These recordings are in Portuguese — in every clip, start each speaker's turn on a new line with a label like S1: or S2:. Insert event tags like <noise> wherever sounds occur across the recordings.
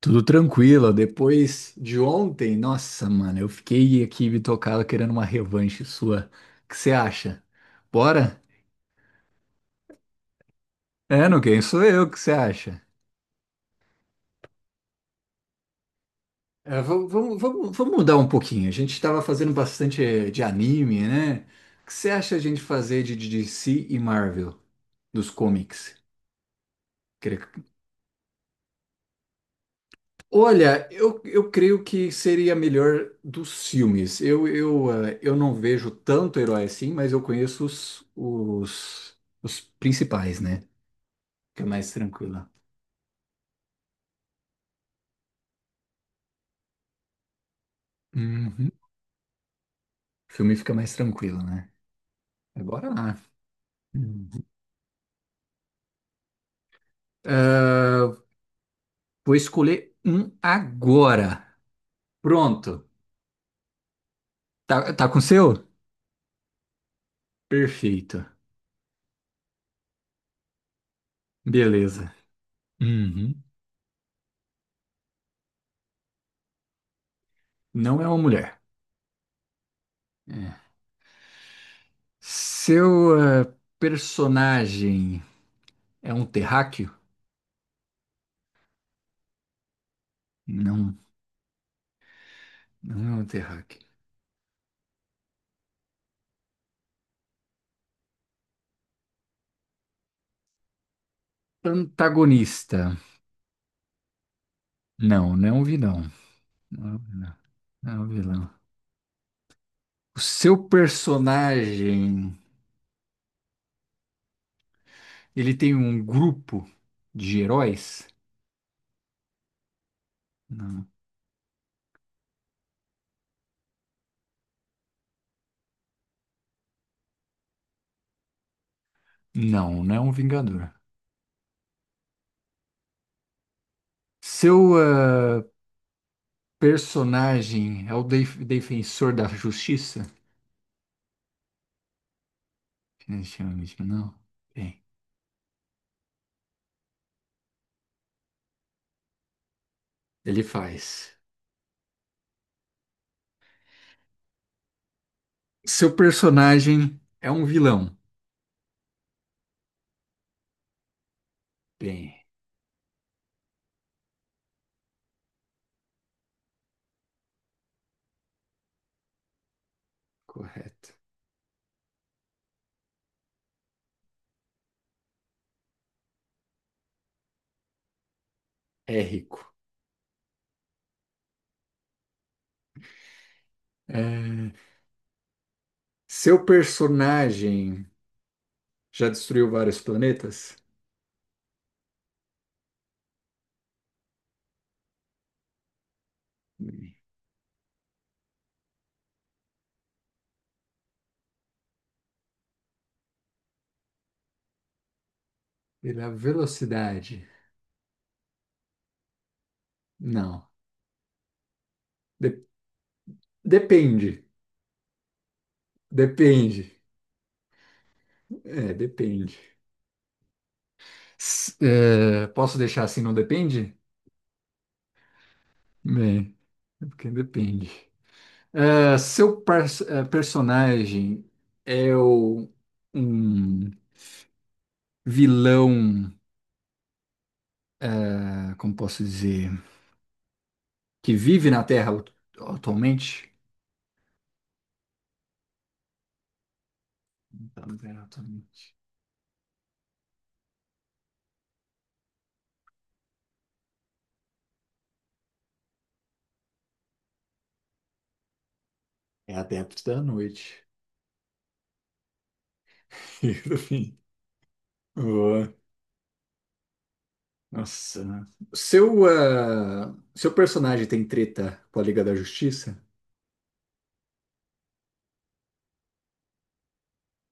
S1: Tudo tranquilo. Depois de ontem, nossa, mano, eu fiquei aqui me tocado querendo uma revanche sua. O que você acha? Bora? É, não, quem sou eu? O que você acha? É, vamos mudar um pouquinho. A gente estava fazendo bastante de anime, né? O que você acha a gente fazer de DC e Marvel dos comics? Olha, eu creio que seria melhor dos filmes. Eu não vejo tanto herói assim, mas eu conheço os principais, né? Fica mais tranquila. Uhum. O filme fica mais tranquilo, né? Agora lá. Uhum. Ah, vou escolher um agora. Pronto. Tá, tá com o seu? Perfeito. Beleza. Uhum. Não é uma mulher. É. Seu personagem é um terráqueo? Não, não é um The Antagonista. Não, não é um vilão. Não é um vilão, não é um vilão. O seu personagem, ele tem um grupo de heróis? Não. Não, não é um Vingador. Seu personagem é o defensor da justiça? Definitivamente não. Bem, ele faz. Seu personagem é um vilão? Bem, correto. É rico. É... Seu personagem já destruiu vários planetas? Pela velocidade? Não. De- depende. Depende. É, depende. É, posso deixar assim, não depende? Bem, é porque depende. É, seu é, personagem é um vilão, é, como posso dizer, que vive na Terra atualmente? Não tá na Terra atualmente. É adepto da noite. <laughs> Enfim, boa. Nossa. Seu, seu personagem tem treta com a Liga da Justiça?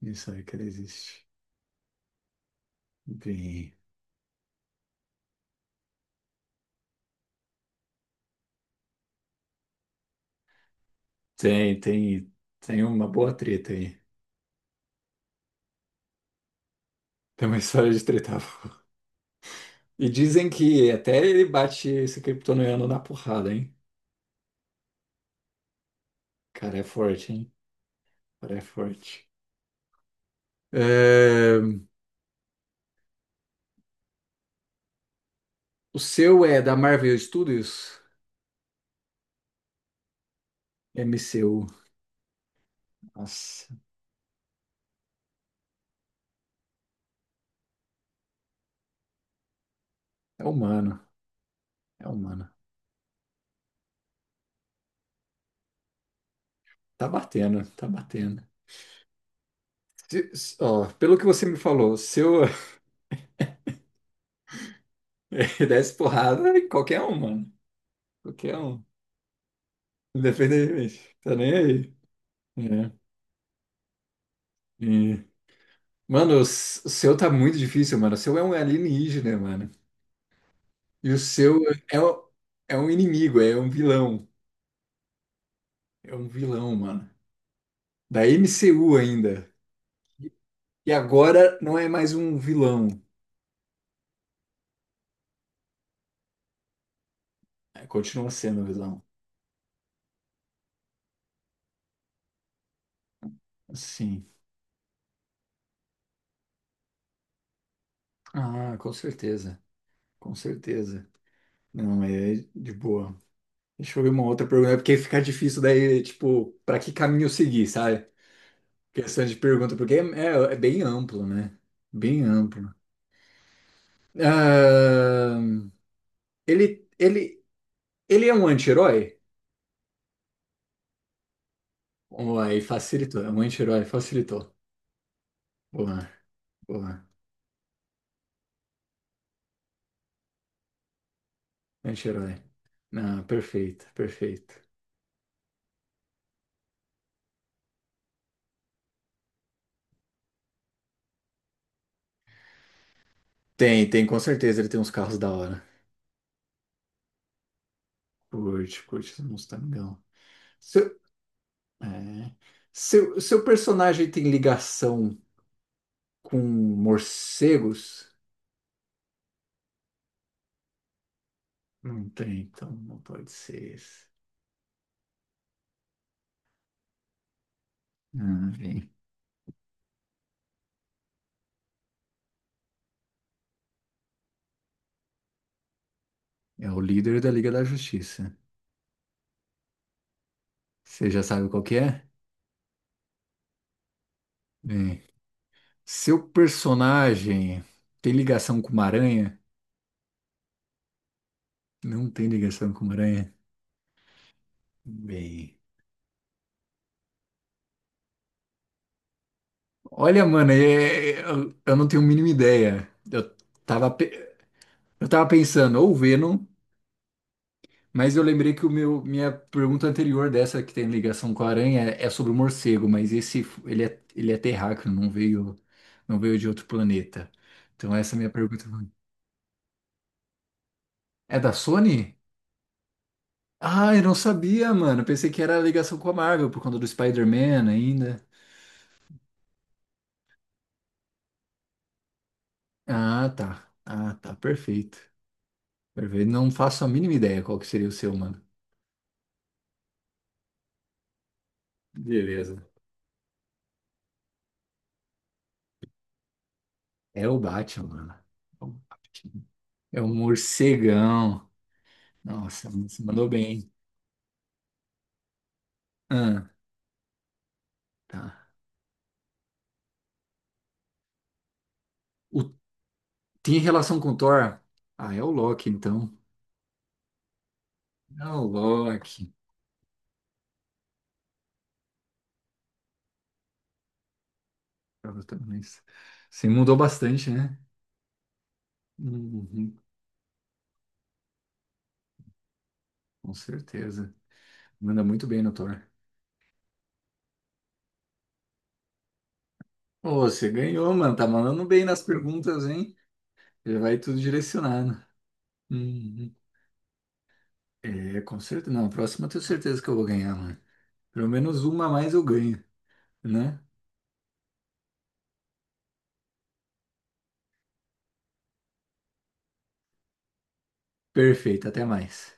S1: Isso aí que ela existe. Bem, tem, tem, tem uma boa treta aí. Tem uma história de treta. <laughs> Boa. E dizem que até ele bate esse kryptoniano na porrada, hein? Cara, é forte, hein? Cara, é forte. É, o seu é da Marvel Studios? MCU. Nossa, é humano, é humano. Tá batendo, tá batendo. Ó, pelo que você me falou, se eu <laughs> desse porrada em qualquer um, mano. Qualquer um. Independentemente. Tá nem aí. É. E- Mano, o o seu tá muito difícil, mano. O seu é um alienígena, mano. E o seu é, é um inimigo, é um vilão. É um vilão, mano. Da MCU ainda. E agora não é mais um vilão. É, continua sendo um vilão. Sim. Ah, com certeza. Com certeza. Não, é de boa. Deixa eu ver uma outra pergunta, né? Porque fica difícil daí, tipo, para que caminho seguir, sabe? Questão de pergunta, porque é bem amplo, né? Bem amplo. Ahn, ele, ele, ele é um anti-herói? Vamos lá, aí facilitou, é um anti-herói, facilitou. Boa, boa, anti-herói. Ah, perfeito, perfeito. Com certeza ele tem uns carros da hora. Uns Mustangão. Seu, é. Seu personagem tem ligação com morcegos? Não tem, então não pode ser esse. Ah, bem. É o líder da Liga da Justiça. Você já sabe qual que é? Bem, seu personagem tem ligação com uma aranha? Não tem ligação com uma aranha? Bem. Olha, mano, eu não tenho a mínima ideia. Eu tava, eu tava pensando ou Venom. Mas eu lembrei que o meu, minha pergunta anterior dessa que tem ligação com a aranha é sobre o morcego, mas esse ele ele é terráqueo, não veio de outro planeta. Então essa é a minha pergunta. É da Sony? Ah, eu não sabia, mano. Pensei que era a ligação com a Marvel por conta do Spider-Man ainda. Ah, tá. Ah, tá. Perfeito. Perfeito. Não faço a mínima ideia qual que seria o seu, mano. Beleza. É o Batman, mano. É o Batman. É o morcegão. Nossa, você mandou bem. Tá. O, tem relação com Thor? Ah, é o Loki, então. É o Loki. Mas você mudou bastante, né? Uhum, com certeza. Manda muito bem no Thor. Ô, você ganhou, mano. Tá mandando bem nas perguntas, hein? Já vai tudo direcionado. Uhum. É, com certeza. Não, a próxima eu tenho certeza que eu vou ganhar, mano. Pelo menos uma a mais eu ganho, né? Perfeito, até mais.